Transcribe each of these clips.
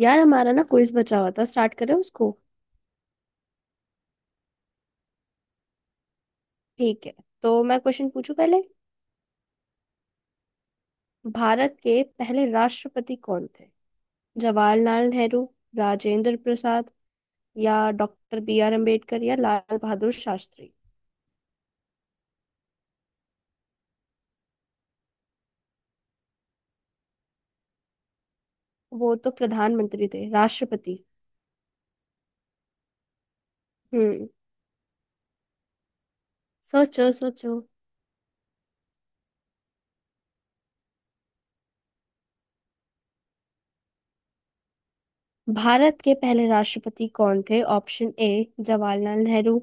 यार हमारा ना क्विज बचा हुआ था, स्टार्ट करें उसको। ठीक है। तो मैं क्वेश्चन पूछूं पहले। भारत के पहले राष्ट्रपति कौन थे? जवाहरलाल नेहरू, राजेंद्र प्रसाद या डॉक्टर बी आर अम्बेडकर या लाल बहादुर शास्त्री। वो तो प्रधानमंत्री थे, राष्ट्रपति। हम्म। सोचो सोचो। भारत के पहले राष्ट्रपति कौन थे? Option A Jawaharlal Nehru,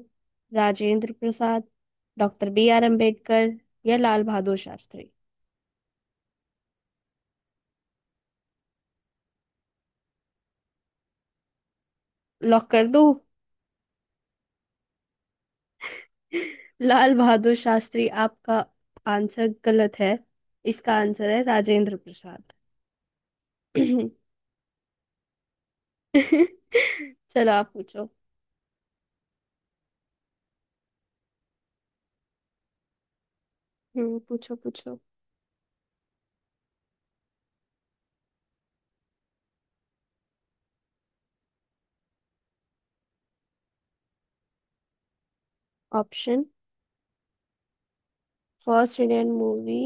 Rajendra Prasad, doctor B R Ambedkar या लाल बहादुर शास्त्री। लॉक कर दूं? लाल बहादुर शास्त्री आपका आंसर गलत है। इसका आंसर है राजेंद्र प्रसाद। चलो, आप पूछो। हम्म, पूछो पूछो। Option. First Indian movie,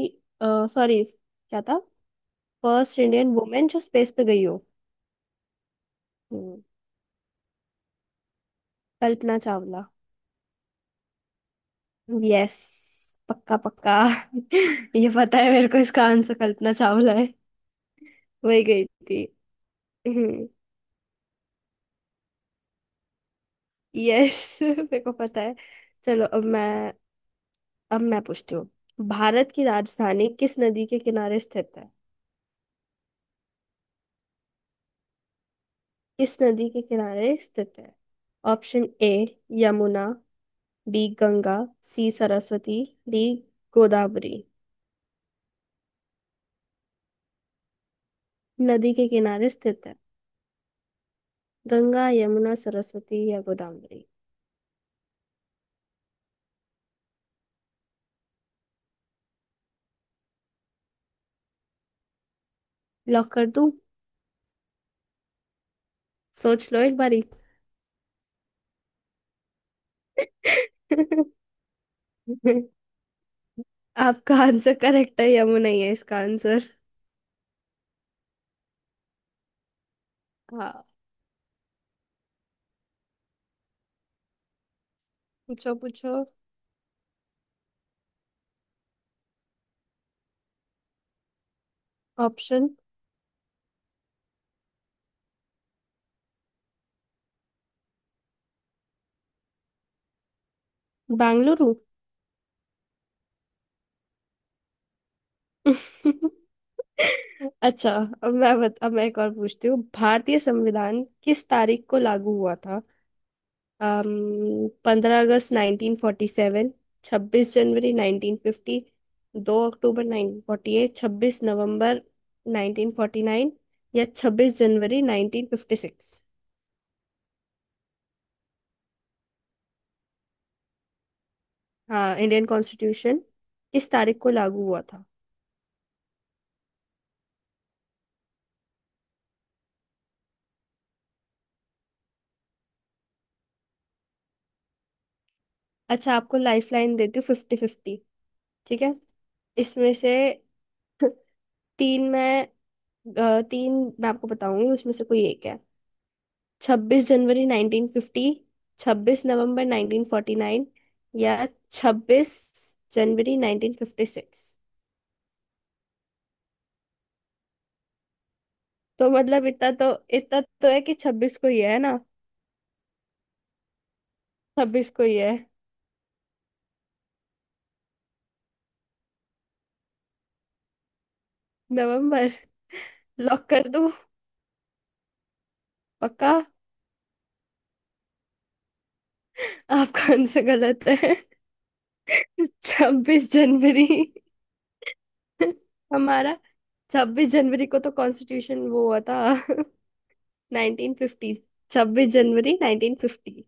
sorry क्या था? फर्स्ट इंडियन वुमेन जो स्पेस पे गई हो। हम्म, कल्पना चावला। यस, पक्का पक्का। ये पता है मेरे को, इसका आंसर कल्पना चावला है। वही गई थी। यस मेरे को पता है। चलो अब मैं पूछती हूँ। भारत की राजधानी किस नदी के किनारे स्थित है? किस नदी के किनारे स्थित है? Option A Yamuna, B Ganga, C Saraswati, D Godavari. नदी के किनारे स्थित है? गंगा, यमुना, सरस्वती या गोदावरी। लॉक कर दूं? सोच लो एक बारी। आपका आंसर करेक्ट है, यमुना ही है इसका आंसर। हाँ, पूछो पूछो। ऑप्शन बेंगलुरु। अच्छा। अब मैं एक और पूछती हूँ। भारतीय संविधान किस तारीख को लागू हुआ था? 15 अगस्त 1947, 26 जनवरी 1950, 2 अक्टूबर 1948, 26 नवंबर 1949 या 26 जनवरी 1956। हाँ, इंडियन कॉन्स्टिट्यूशन किस तारीख को लागू हुआ था? अच्छा, आपको लाइफ लाइन देती हूँ फिफ्टी फिफ्टी। ठीक है। इसमें से तीन मैं तीन मैं आपको बताऊंगी उसमें से कोई एक है। छब्बीस जनवरी 1950, छब्बीस नवंबर 1949 या छब्बीस जनवरी 1956। तो मतलब इतना तो है कि 26 को ही है ना। 26 को ही है। नवंबर। लॉक कर दूं? पक्का? आपका आंसर गलत है। 26 जनवरी। हमारा 26 जनवरी को तो कॉन्स्टिट्यूशन वो हुआ था। 1950। छब्बीस जनवरी 1950।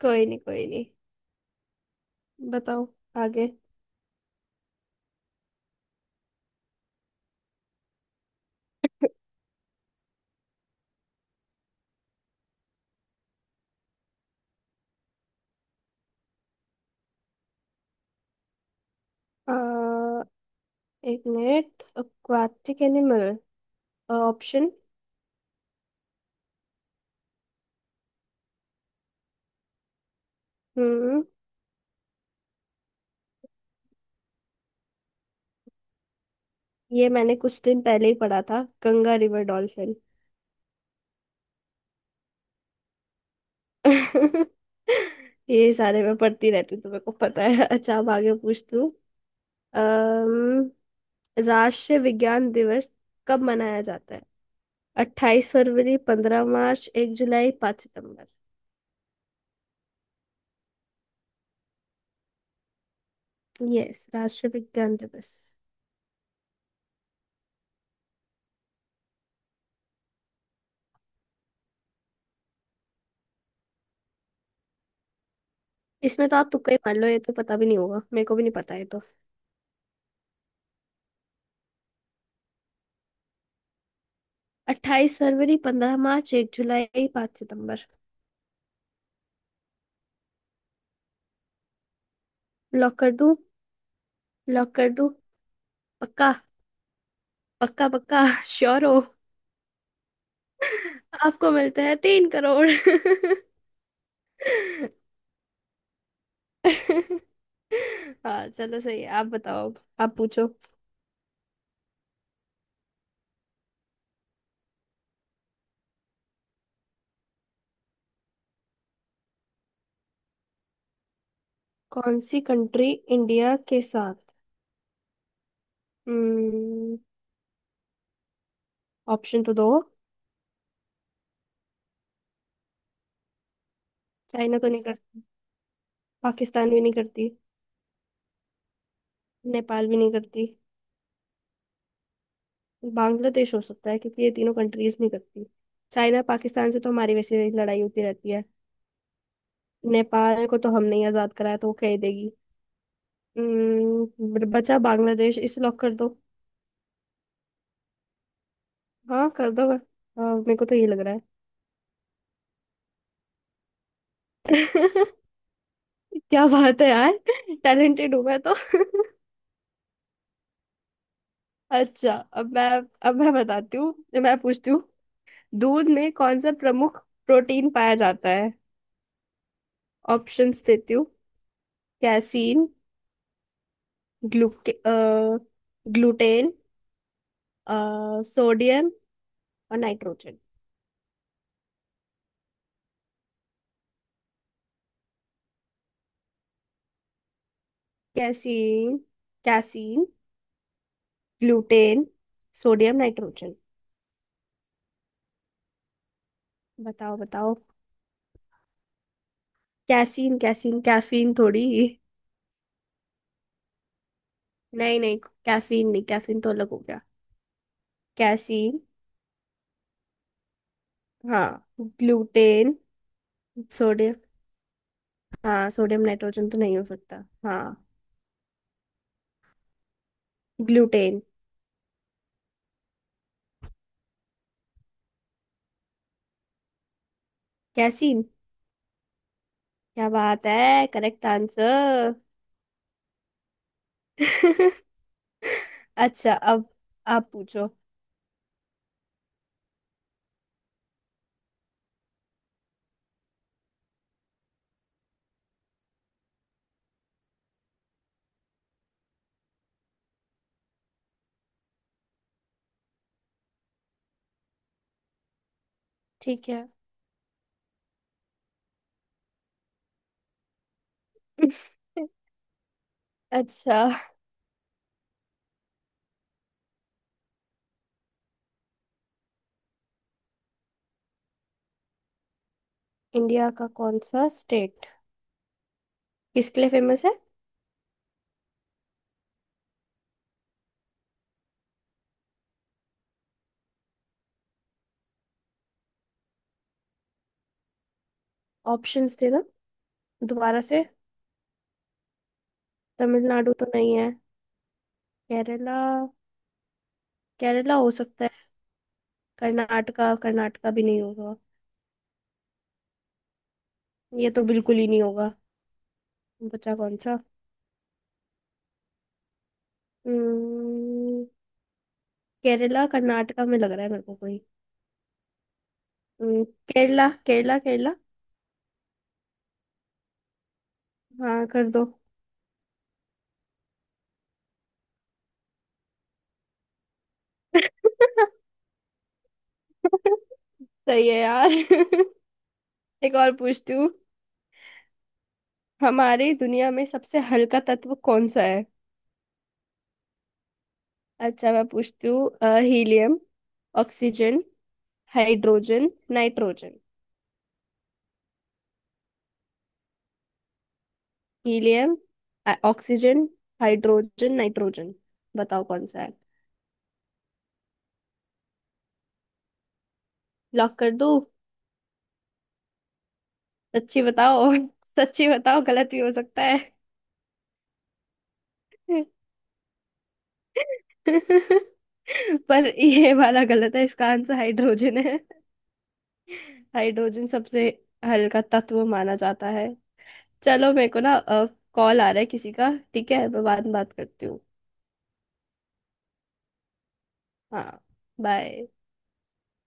कोई नहीं कोई नहीं। बताओ आगे। अ, एक मिनट, एक्वाटिक एनिमल। ऑप्शन। हम्म। ये मैंने कुछ दिन पहले ही पढ़ा था, गंगा रिवर डॉल्फिन। ये सारे मैं पढ़ती रहती हूँ तो मेरे को पता है। अच्छा, अब आगे पूछ तू। अम्म, राष्ट्रीय विज्ञान दिवस कब मनाया जाता है? 28 फरवरी, 15 मार्च, 1 जुलाई, 5 सितंबर। यस, राष्ट्रीय विज्ञान दिवस। इसमें तो आप तुक्का ही मान लो, ये तो पता भी नहीं होगा, मेरे को भी नहीं पता है। 28 फरवरी, पंद्रह मार्च, एक जुलाई, 5 सितंबर। लॉक कर दूं? लॉक कर दूं? पक्का? पक्का पक्का? श्योर हो? आपको मिलता है तीन करोड़। हाँ, चलो सही है, आप बताओ। आप पूछो। कौन सी कंट्री इंडिया के साथ। हम्म। ऑप्शन तो दो। चाइना तो नहीं करती। पाकिस्तान भी नहीं करती। नेपाल भी नहीं करती। बांग्लादेश हो सकता है क्योंकि ये तीनों कंट्रीज नहीं करती। चाइना, पाकिस्तान से तो हमारी वैसे ही लड़ाई होती रहती है। नेपाल को तो हमने ही आजाद कराया तो वो कह ही देगी। हम्म, बचा बांग्लादेश, इसे लॉक कर दो। हाँ कर दो, हाँ, मेरे को तो ये लग रहा है। क्या बात है यार। टैलेंटेड हूँ मैं तो। अच्छा अब मैं बताती हूँ, मैं पूछती हूँ। दूध में कौन सा प्रमुख प्रोटीन पाया जाता है? ऑप्शंस देती हूँ। कैसीन, ग्लूके ग्लूटेन, सोडियम और nitrogen. Casein, casein, gluten, sodium, nitrogen. बताओ बताओ। कैसीन, कैसीन कैफीन थोड़ी। नहीं नहीं, कैफीन नहीं, कैफीन तो अलग हो गया। कैसीन। हाँ, ग्लूटेन, सोडियम। हाँ, सोडियम नाइट्रोजन तो नहीं हो सकता, हाँ। ग्लूटेन। कैसीन। क्या बात है, करेक्ट आंसर। अच्छा, अब आप पूछो। ठीक है। अच्छा, इंडिया का कौन सा स्टेट किसके लिए फेमस है? ऑप्शंस देना दोबारा से। तमिलनाडु तो नहीं है। केरला। केरला हो सकता है। कर्नाटका, कर्नाटका भी नहीं होगा। ये तो बिल्कुल ही नहीं होगा। बचा कौन सा? हम्म, केरला कर्नाटका में लग रहा है मेरे को कोई। हम्म, केरला केरला केरला। हाँ कर दो। सही है यार। एक और पूछती हूँ। हमारी दुनिया में सबसे हल्का तत्व कौन सा है? अच्छा मैं पूछती हूँ helium, oxygen, hydrogen, nitrogen. Helium, oxygen, hydrogen, nitrogen. बताओ कौन सा है? लॉक कर दूँ? सच्ची बताओ, सच्ची बताओ गलत भी हो सकता है। पर ये वाला गलत है, इसका आंसर हाइड्रोजन है। हाइड्रोजन सबसे हल्का तत्व माना जाता है। चलो, मेरे को ना कॉल आ रहा है किसी का, ठीक है मैं बाद में बात करती हूँ। हाँ। बाय।